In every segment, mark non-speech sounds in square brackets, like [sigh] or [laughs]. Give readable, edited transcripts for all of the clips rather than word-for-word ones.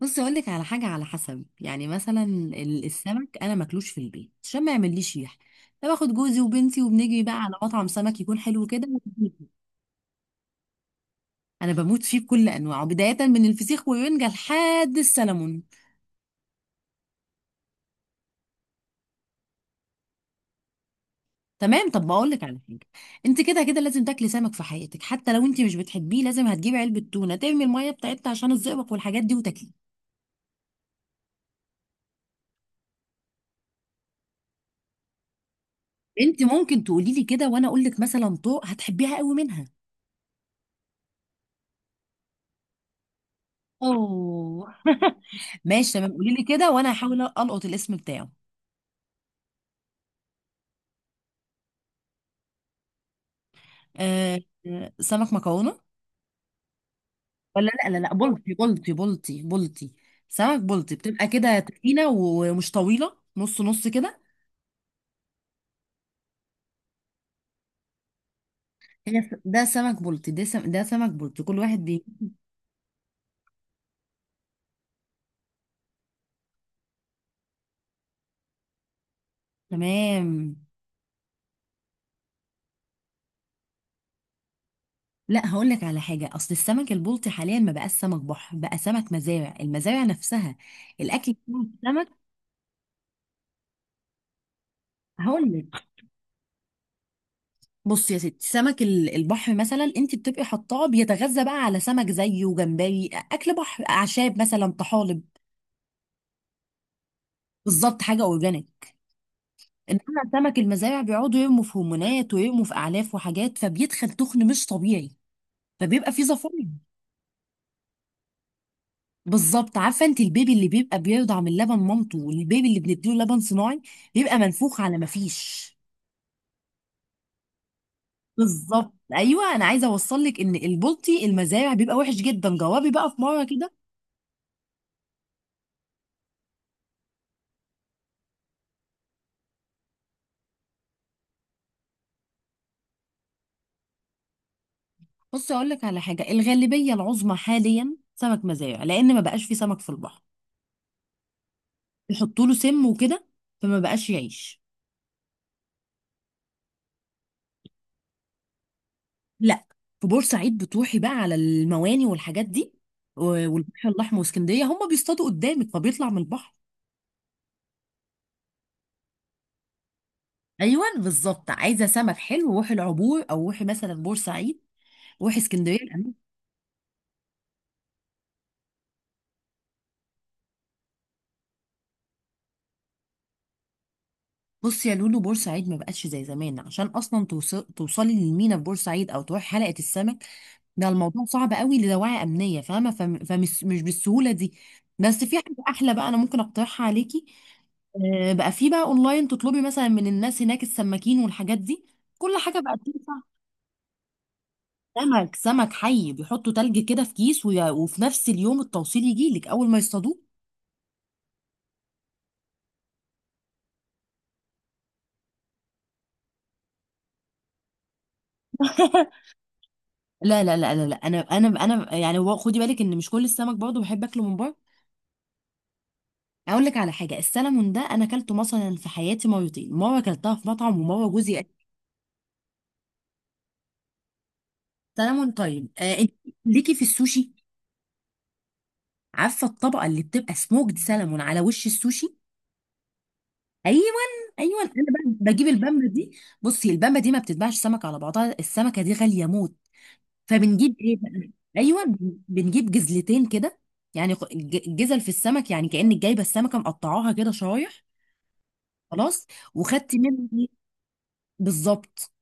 بصي اقول لك على حاجه، على حسب يعني، مثلا السمك انا ماكلوش في البيت عشان ما يعمليش ريح. انا باخد جوزي وبنتي وبنجري بقى على مطعم سمك يكون حلو كده. انا بموت فيه بكل انواعه، بدايه من الفسيخ والرنجه لحد السلمون. تمام، طب بقول لك على حاجه. انت كده كده لازم تاكلي سمك في حياتك، حتى لو انت مش بتحبيه لازم هتجيبي علبه تونه ترمي الميه بتاعتها عشان الزئبق والحاجات دي وتاكليه. انت ممكن تقولي لي كده وانا اقول لك مثلا طوق هتحبيها قوي منها. اه ماشي تمام، قولي لي كده وانا هحاول القط الاسم بتاعه. آه. سمك مكرونه؟ ولا لا لا لا، بلطي بلطي بلطي بلطي. سمك بلطي بتبقى كده تخينه ومش طويله، نص نص كده. هي ده سمك بلطي، ده سمك بلطي كل واحد بي... تمام. لا هقول لك على حاجه، اصل السمك البلطي حاليا ما بقاش سمك بحر، بقى سمك مزارع، المزارع نفسها الاكل بتاع السمك. هقول لك، بص يا ستي، سمك البحر مثلا انت بتبقي حطاه بيتغذى بقى على سمك زيه، جمبري، اكل بحر، اعشاب، مثلا طحالب. بالظبط، حاجه اورجانيك. انما سمك المزارع بيقعدوا يرموا في هرمونات ويرموا في اعلاف وحاجات، فبيدخل تخن مش طبيعي، فبيبقى فيه زفاير. بالظبط. عارفه انت البيبي اللي بيبقى بيرضع من لبن مامته، والبيبي اللي بنديله لبن صناعي بيبقى منفوخ على ما فيش. بالظبط ايوه، انا عايزه اوصل لك ان البلطي المزارع بيبقى وحش جدا، جوابي بقى في مره كده. بص اقول لك على حاجه، الغالبيه العظمى حاليا سمك مزارع، لان ما بقاش في سمك في البحر، يحطوا له سم وكده فما بقاش يعيش. لا، في بورسعيد بتروحي بقى على المواني والحاجات دي، والبحر الاحمر واسكندريه هم بيصطادوا قدامك فبيطلع من البحر. ايوه بالظبط، عايزه سمك حلو روحي العبور، او روحي مثلا بورسعيد، روحي اسكندريه، بصي يا لولو، بورسعيد ما بقتش زي زمان، عشان اصلا توصلي للمينا في بورسعيد او تروحي حلقه السمك، ده الموضوع صعب قوي لدواعي امنيه، فاهمه؟ فم- فمش مش بالسهوله دي. بس في حاجه احلى بقى انا ممكن اقترحها عليكي. بقى في بقى اونلاين، تطلبي مثلا من الناس هناك السماكين والحاجات دي، كل حاجه بقى بتنفع. سمك، سمك حي، بيحطوا تلج كده في كيس، وفي نفس اليوم التوصيل يجي لك اول ما يصطادوه. [laughs] لا لا لا لا لا، انا يعني، هو خدي بالك ان مش كل السمك برضه بحب اكله من بره. اقول لك على حاجه، السلمون ده انا اكلته مثلا في حياتي مرتين، مره اكلتها في مطعم ومره جوزي. سلمون طيب. آه انت ليكي في السوشي، عارفه الطبقه اللي بتبقى سموكد سلمون على وش السوشي؟ ايوه. ايوه انا بقى بجيب البامبه دي. بصي البامبه دي ما بتتباعش سمك على بعضها، السمكه دي غاليه موت، فبنجيب ايه بقى؟ ايوه، بنجيب جزلتين كده، يعني جزل في السمك، يعني كانك جايبه السمكه مقطعاها كده شرايح. خلاص. وخدت منه إيه؟ بالظبط.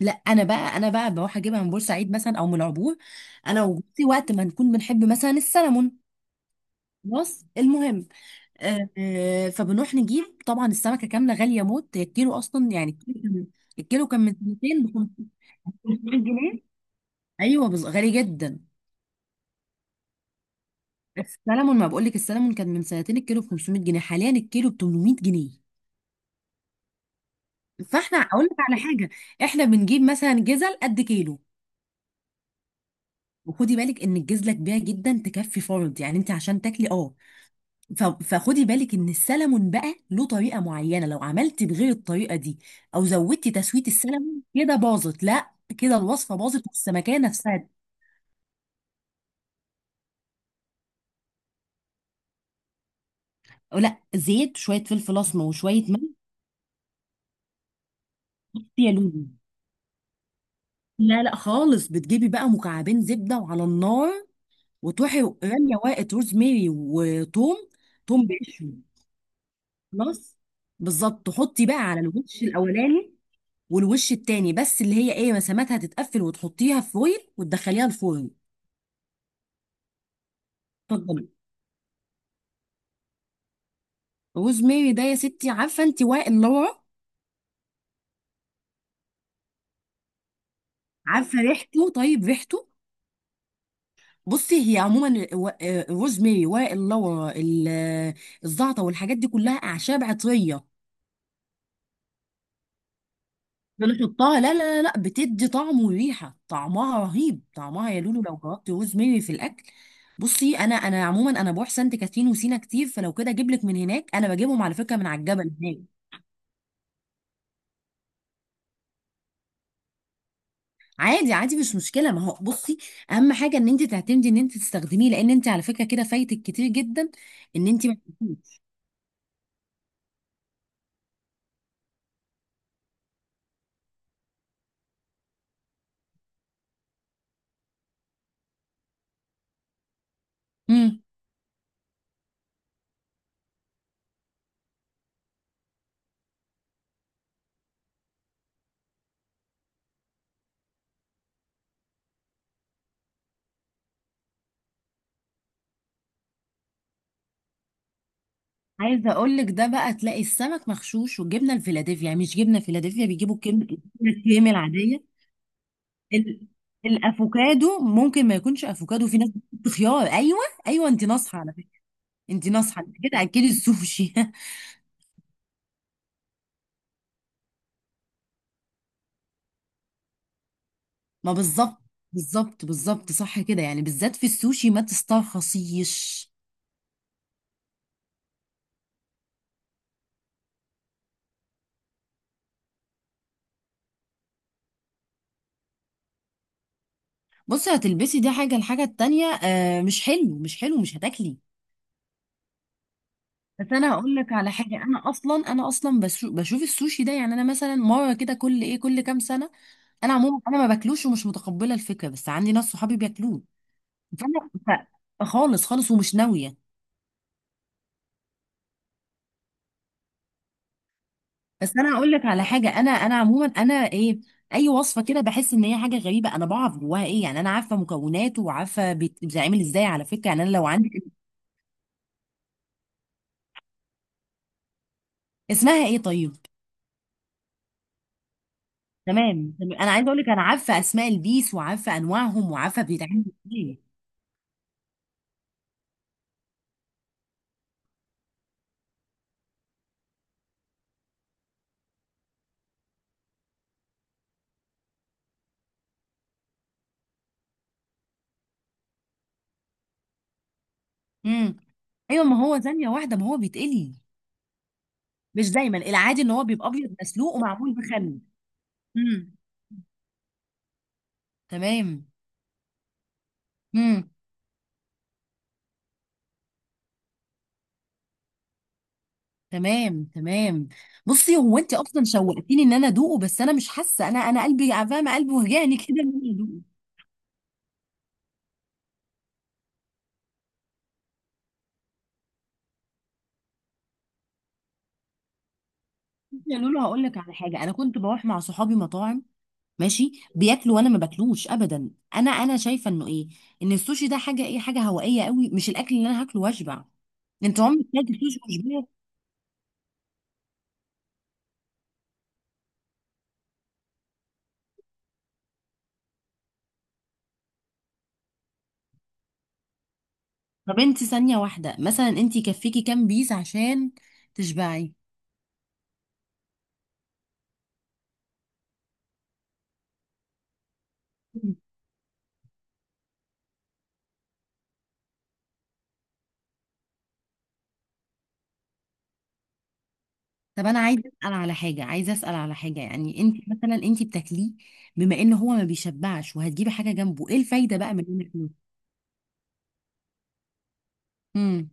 لا انا بقى، انا بقى بروح اجيبها من بورسعيد مثلا او من العبور، انا وجوزي وقت ما نكون بنحب مثلا السلمون. خلاص المهم، فبنروح نجيب طبعا السمكه كامله، غاليه موت، هي الكيلو اصلا يعني. الكيلو كان، الكيلو كان من 200 ل 500 جنيه. ايوه، غالي جدا. السلمون، ما بقول لك، السلمون كان من سنتين الكيلو ب 500 جنيه، حاليا الكيلو ب 800 جنيه. فاحنا اقول لك على حاجه، احنا بنجيب مثلا جزل قد كيلو. وخدي بالك ان الجزله كبيره جدا تكفي فرد يعني، انت عشان تاكلي اه، فخدي بالك ان السلمون بقى له طريقه معينه، لو عملتي بغير الطريقه دي او زودتي تسويه السلمون كده باظت، لا، كده الوصفه باظت والسمكيه نفسها. أو لا، زيت، شويه فلفل اسمر وشويه ملح، يا لولو، لا لا خالص، بتجيبي بقى مكعبين زبده وعلى النار، وتروحي راميه ورقه روزماري وتوم، توم بقشره. خلاص. بالظبط تحطي بقى على الوش الاولاني والوش التاني، بس اللي هي ايه مساماتها تتقفل، وتحطيها في فويل وتدخليها الفرن. اتفضلي. روز ماري ده يا ستي، عارفه انت ورق اللورا، عارفه ريحته؟ طيب ريحته. بصي هي عموما الروز ماري، ورق اللورا، الزعتر والحاجات دي كلها اعشاب عطريه. بنحطها، لا لا لا لا، بتدي طعم وريحه، طعمها رهيب، طعمها يا لولو لو جربتي روز ماري في الاكل. بصي انا، انا عموما انا بروح سانت كاترين وسينا كتير، فلو كده اجيب لك من هناك، انا بجيبهم على فكره من على الجبل هناك. عادي عادي مش مشكله، ما هو بصي اهم حاجه ان انت تعتمدي ان انت تستخدميه، لان انت على فكره كده فايتك كتير جدا. ان انت ما... امم، عايزه اقول لك، ده بقى تلاقي السمك مغشوش، والجبنه الفيلادلفيا يعني مش جبنه فيلادلفيا، بيجيبوا كم الكريمه العاديه. ال... الافوكادو ممكن ما يكونش افوكادو، في ناس بتحط خيار، ايوه. ايوه انت ناصحه على فكره. انت ناصحه، انت كده اكلي السوشي. [laughs] ما بالظبط، بالظبط بالظبط، صح كده، يعني بالذات في السوشي ما تسترخصيش. بصي هتلبسي دي حاجة، الحاجة التانية مش حلو، مش حلو، مش هتاكلي. بس انا هقول لك على حاجة، انا اصلا، انا اصلا بشوف السوشي ده، يعني انا مثلا مرة كده كل ايه كل كام سنة. انا عموما انا ما باكلوش ومش متقبلة الفكرة، بس عندي ناس صحابي بياكلوه، فانا خالص خالص ومش ناوية. بس انا هقول لك على حاجة، انا عموما انا ايه، اي وصفة كده بحس ان هي حاجة غريبة، انا بعرف جواها ايه، يعني انا عارفة مكوناته وعارفة بيتعمل ازاي على فكرة، يعني انا لو عندك. اسمها ايه طيب؟ تمام تمام، انا عايزه اقول لك انا عارفه اسماء البيس وعارفه انواعهم وعارفه بيتعمل ازاي. امم. ايوه، ما هو ثانيه واحده، ما هو بيتقلي، مش دايما، العادي ان هو بيبقى ابيض مسلوق ومعمول بخل. امم. تمام. امم. تمام تمام. بصي، هو انت اصلا شوقتيني ان انا ادوقه، بس انا مش حاسه، انا قلبي فاهمه، قلبي وجعني كده ان انا ادوقه. بصي يا لولو هقول لك على حاجه، انا كنت بروح مع صحابي مطاعم، ماشي بياكلوا وانا ما باكلوش ابدا. انا شايفه انه ايه، ان السوشي ده حاجه ايه، حاجه هوائيه قوي، مش الاكل اللي انا هاكله واشبع. انت عمرك كلت سوشي وشبعت؟ طب انت ثانيه واحده مثلا انت يكفيكي كام بيس عشان تشبعي؟ مم. طب انا عايزه اسال على حاجه، عايزه اسال على حاجه، يعني انت مثلا انت بتاكليه، بما ان هو ما بيشبعش وهتجيبي حاجه جنبه، ايه الفايده بقى من انك...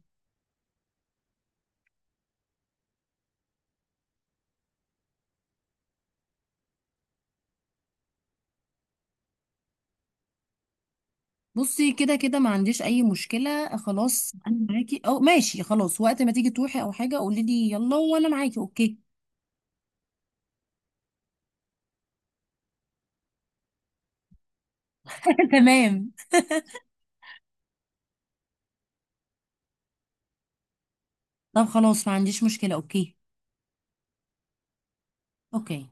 بصي كده كده ما عنديش اي مشكله خلاص، انا معاكي، او ماشي خلاص وقت ما تيجي تروحي او حاجه قولي لي يلا وانا معاكي، اوكي. [laughs] تمام. طب خلاص ما عنديش مشكله، اوكي. اوكي.